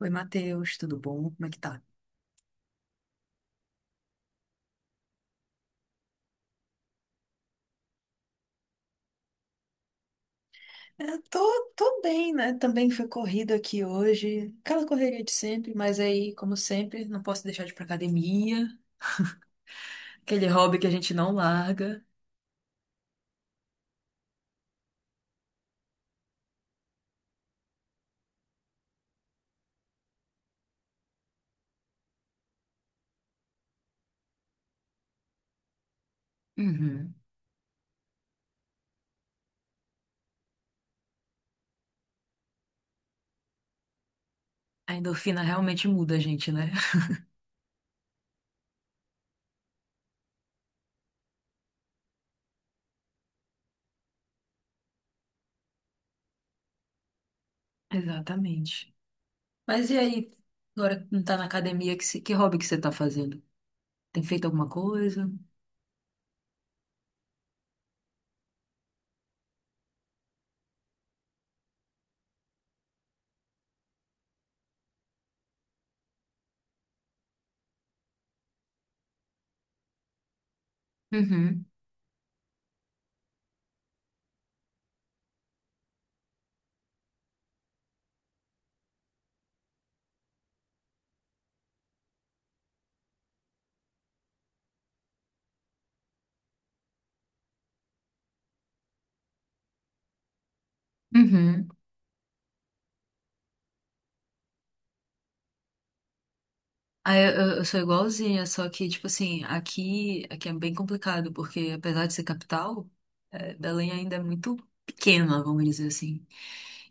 Oi, Matheus, tudo bom? Como é que tá? Tô bem, né? Também foi corrido aqui hoje. Aquela correria de sempre, mas aí, como sempre, não posso deixar de ir pra academia. Aquele hobby que a gente não larga. Uhum. A endorfina realmente muda a gente, né? Exatamente. Mas e aí, agora que não tá na academia, que, se- que hobby que você tá fazendo? Tem feito alguma coisa? Uhum. Uhum. Ah, eu sou igualzinha, só que, tipo assim, aqui é bem complicado, porque apesar de ser capital, Belém ainda é muito pequena, vamos dizer assim.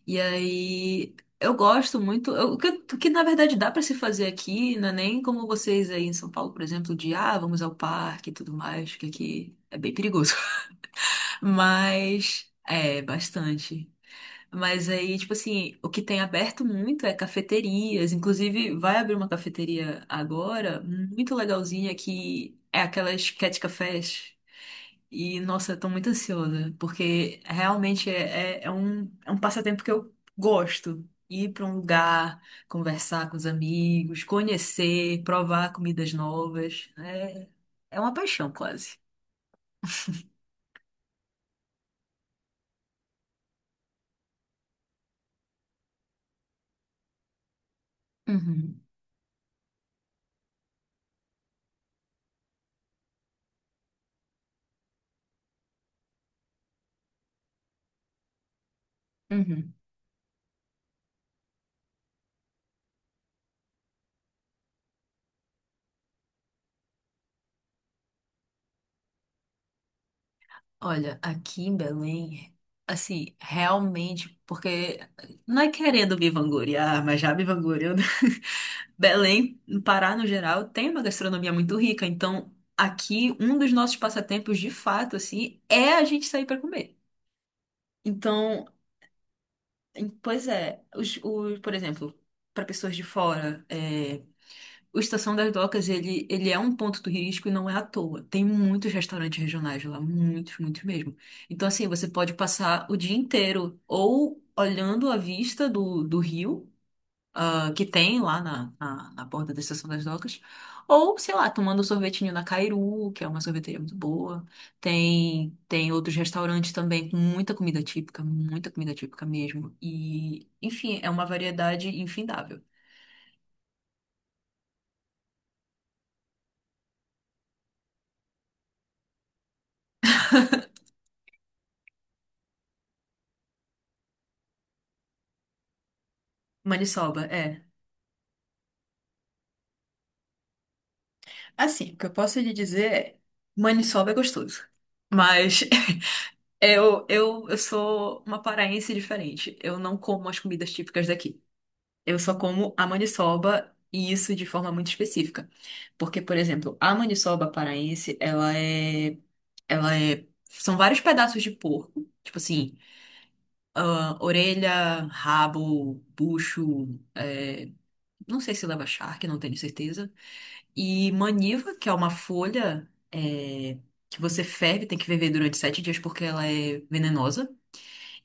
E aí, eu gosto muito, o o que na verdade dá pra se fazer aqui, não é nem como vocês aí em São Paulo, por exemplo, de, ah, vamos ao parque e tudo mais, que aqui é bem perigoso. Mas, é, bastante. Mas aí, tipo assim, o que tem aberto muito é cafeterias. Inclusive, vai abrir uma cafeteria agora, muito legalzinha, que é aquelas cat cafés. E, nossa, eu tô muito ansiosa, porque realmente é um passatempo que eu gosto. Ir pra um lugar, conversar com os amigos, conhecer, provar comidas novas. É, é uma paixão, quase. Uhum, uhum. Olha, aqui em Belém, assim, realmente, porque não é querendo me vangloriar, mas já me vangloriando. Belém, no Pará no geral, tem uma gastronomia muito rica, então aqui um dos nossos passatempos de fato, assim, é a gente sair para comer. Então, pois é, por exemplo, para pessoas de fora. É, o Estação das Docas, ele é um ponto turístico e não é à toa. Tem muitos restaurantes regionais lá, muitos mesmo. Então, assim, você pode passar o dia inteiro ou olhando a vista do rio, ah, que tem lá na borda da Estação das Docas, ou, sei lá, tomando um sorvetinho na Cairu, que é uma sorveteria muito boa. Tem outros restaurantes também com muita comida típica mesmo. E, enfim, é uma variedade infindável. Maniçoba, é. Assim, o que eu posso lhe dizer é, maniçoba é gostoso. Mas eu sou uma paraense diferente. Eu não como as comidas típicas daqui. Eu só como a maniçoba e isso de forma muito específica. Porque, por exemplo, a maniçoba paraense, ela é, são vários pedaços de porco, tipo assim, ah, orelha, rabo, bucho, é, não sei se leva charque, não tenho certeza. E maniva, que é uma folha é, que você ferve, tem que ferver durante sete dias porque ela é venenosa.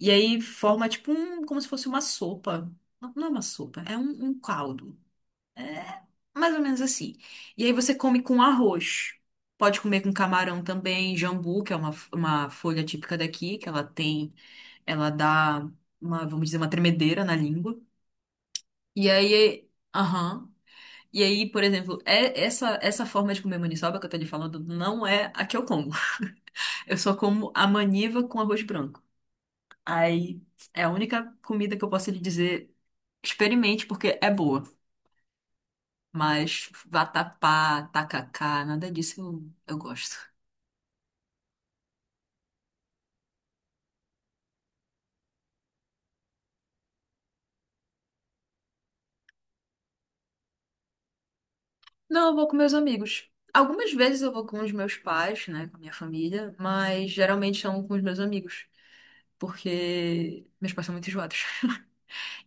E aí forma tipo um, como se fosse uma sopa. Não, não é uma sopa, é um caldo. É mais ou menos assim. E aí você come com arroz. Pode comer com camarão também, jambu, que é uma folha típica daqui, que ela tem, ela dá uma, vamos dizer, uma tremedeira na língua. E aí, aham. E aí, por exemplo, é essa forma de comer maniçoba que eu tô lhe falando não é a que eu como. Eu só como a maniva com arroz branco. Aí é a única comida que eu posso lhe dizer, experimente porque é boa. Mas vatapá, tacacá, nada disso eu gosto. Não, eu vou com meus amigos. Algumas vezes eu vou com os meus pais, né, com a minha família, mas geralmente são com os meus amigos, porque meus pais são muito enjoados.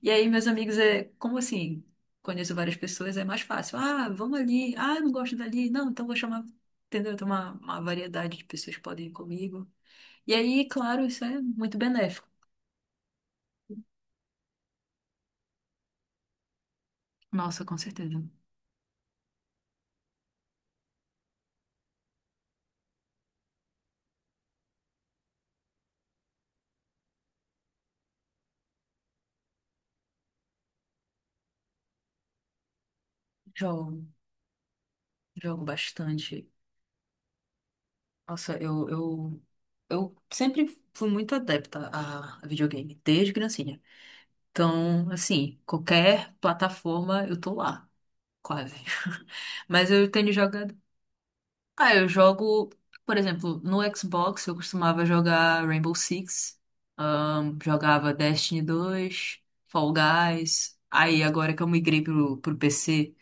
E aí, meus amigos, é como assim? Conheço várias pessoas, é mais fácil. Ah, vamos ali. Ah, eu não gosto dali. Não, então vou chamar. Entendeu? Tem uma variedade de pessoas que podem ir comigo. E aí, claro, isso é muito benéfico. Nossa, com certeza. Jogo, jogo bastante. Nossa, eu sempre fui muito adepta a videogame, desde criancinha. Então, assim, qualquer plataforma eu tô lá, quase. Mas eu tenho jogado. Ah, eu jogo, por exemplo, no Xbox eu costumava jogar Rainbow Six, jogava Destiny dois, Fall Guys. Aí agora que eu migrei pro PC,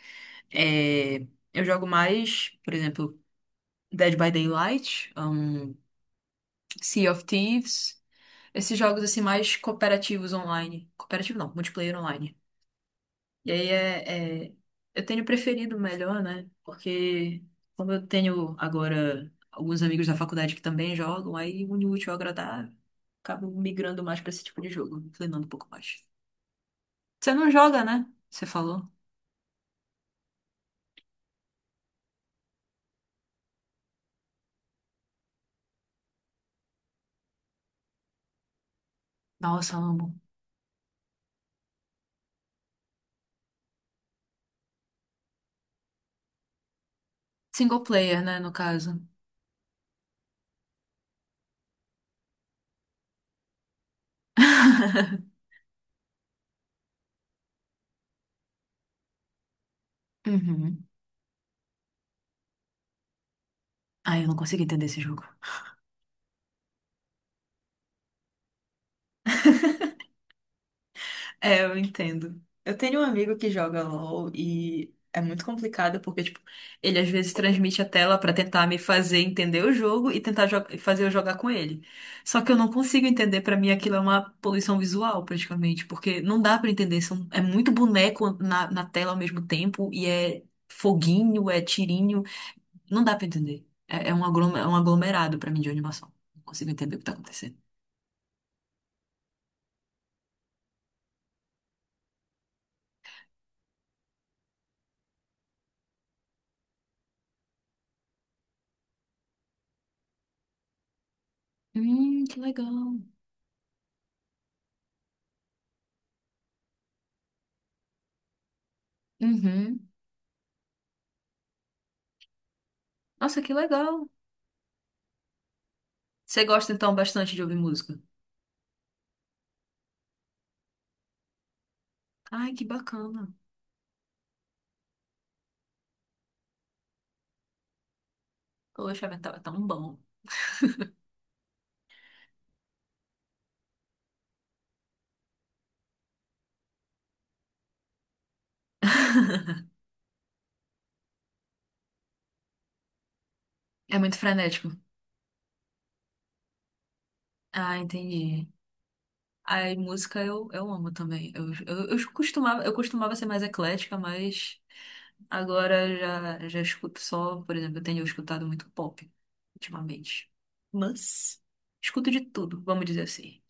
é, eu jogo mais, por exemplo, Dead by Daylight, Sea of Thieves, esses jogos assim mais cooperativos online. Cooperativo não, multiplayer online. E aí eu tenho preferido melhor, né? Porque como eu tenho agora alguns amigos da faculdade que também jogam, aí une o útil ao agradável, acabo migrando mais pra esse tipo de jogo, me inclinando um pouco mais. Você não joga, né? Você falou. Nossa, amo. Single player, né, no caso. Uhum. Ai, eu não consigo entender esse jogo. É, eu entendo. Eu tenho um amigo que joga LOL e é muito complicado porque, tipo, ele às vezes transmite a tela pra tentar me fazer entender o jogo e tentar fazer eu jogar com ele. Só que eu não consigo entender, pra mim aquilo é uma poluição visual, praticamente, porque não dá pra entender. É muito boneco na tela ao mesmo tempo e é foguinho, é tirinho. Não dá pra entender. É, é um aglomerado pra mim de animação. Não consigo entender o que tá acontecendo. Que legal. Uhum. Nossa, que legal. Você gosta então bastante de ouvir música? Ai, que bacana. Poxa, tá tão bom. É muito frenético. Ah, entendi. Aí, música eu amo também. Eu costumava ser mais eclética, mas agora já escuto só, por exemplo, eu tenho escutado muito pop ultimamente. Mas escuto de tudo, vamos dizer assim.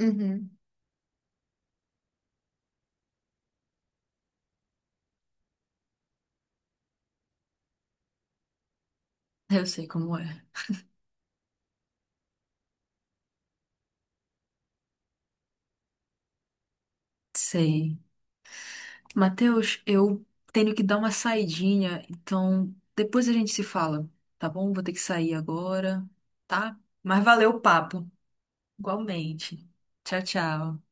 Uhum. Eu sei como é. Sei. Matheus, eu tenho que dar uma saidinha, então depois a gente se fala, tá bom? Vou ter que sair agora, tá? Mas valeu o papo, igualmente. Tchau, tchau.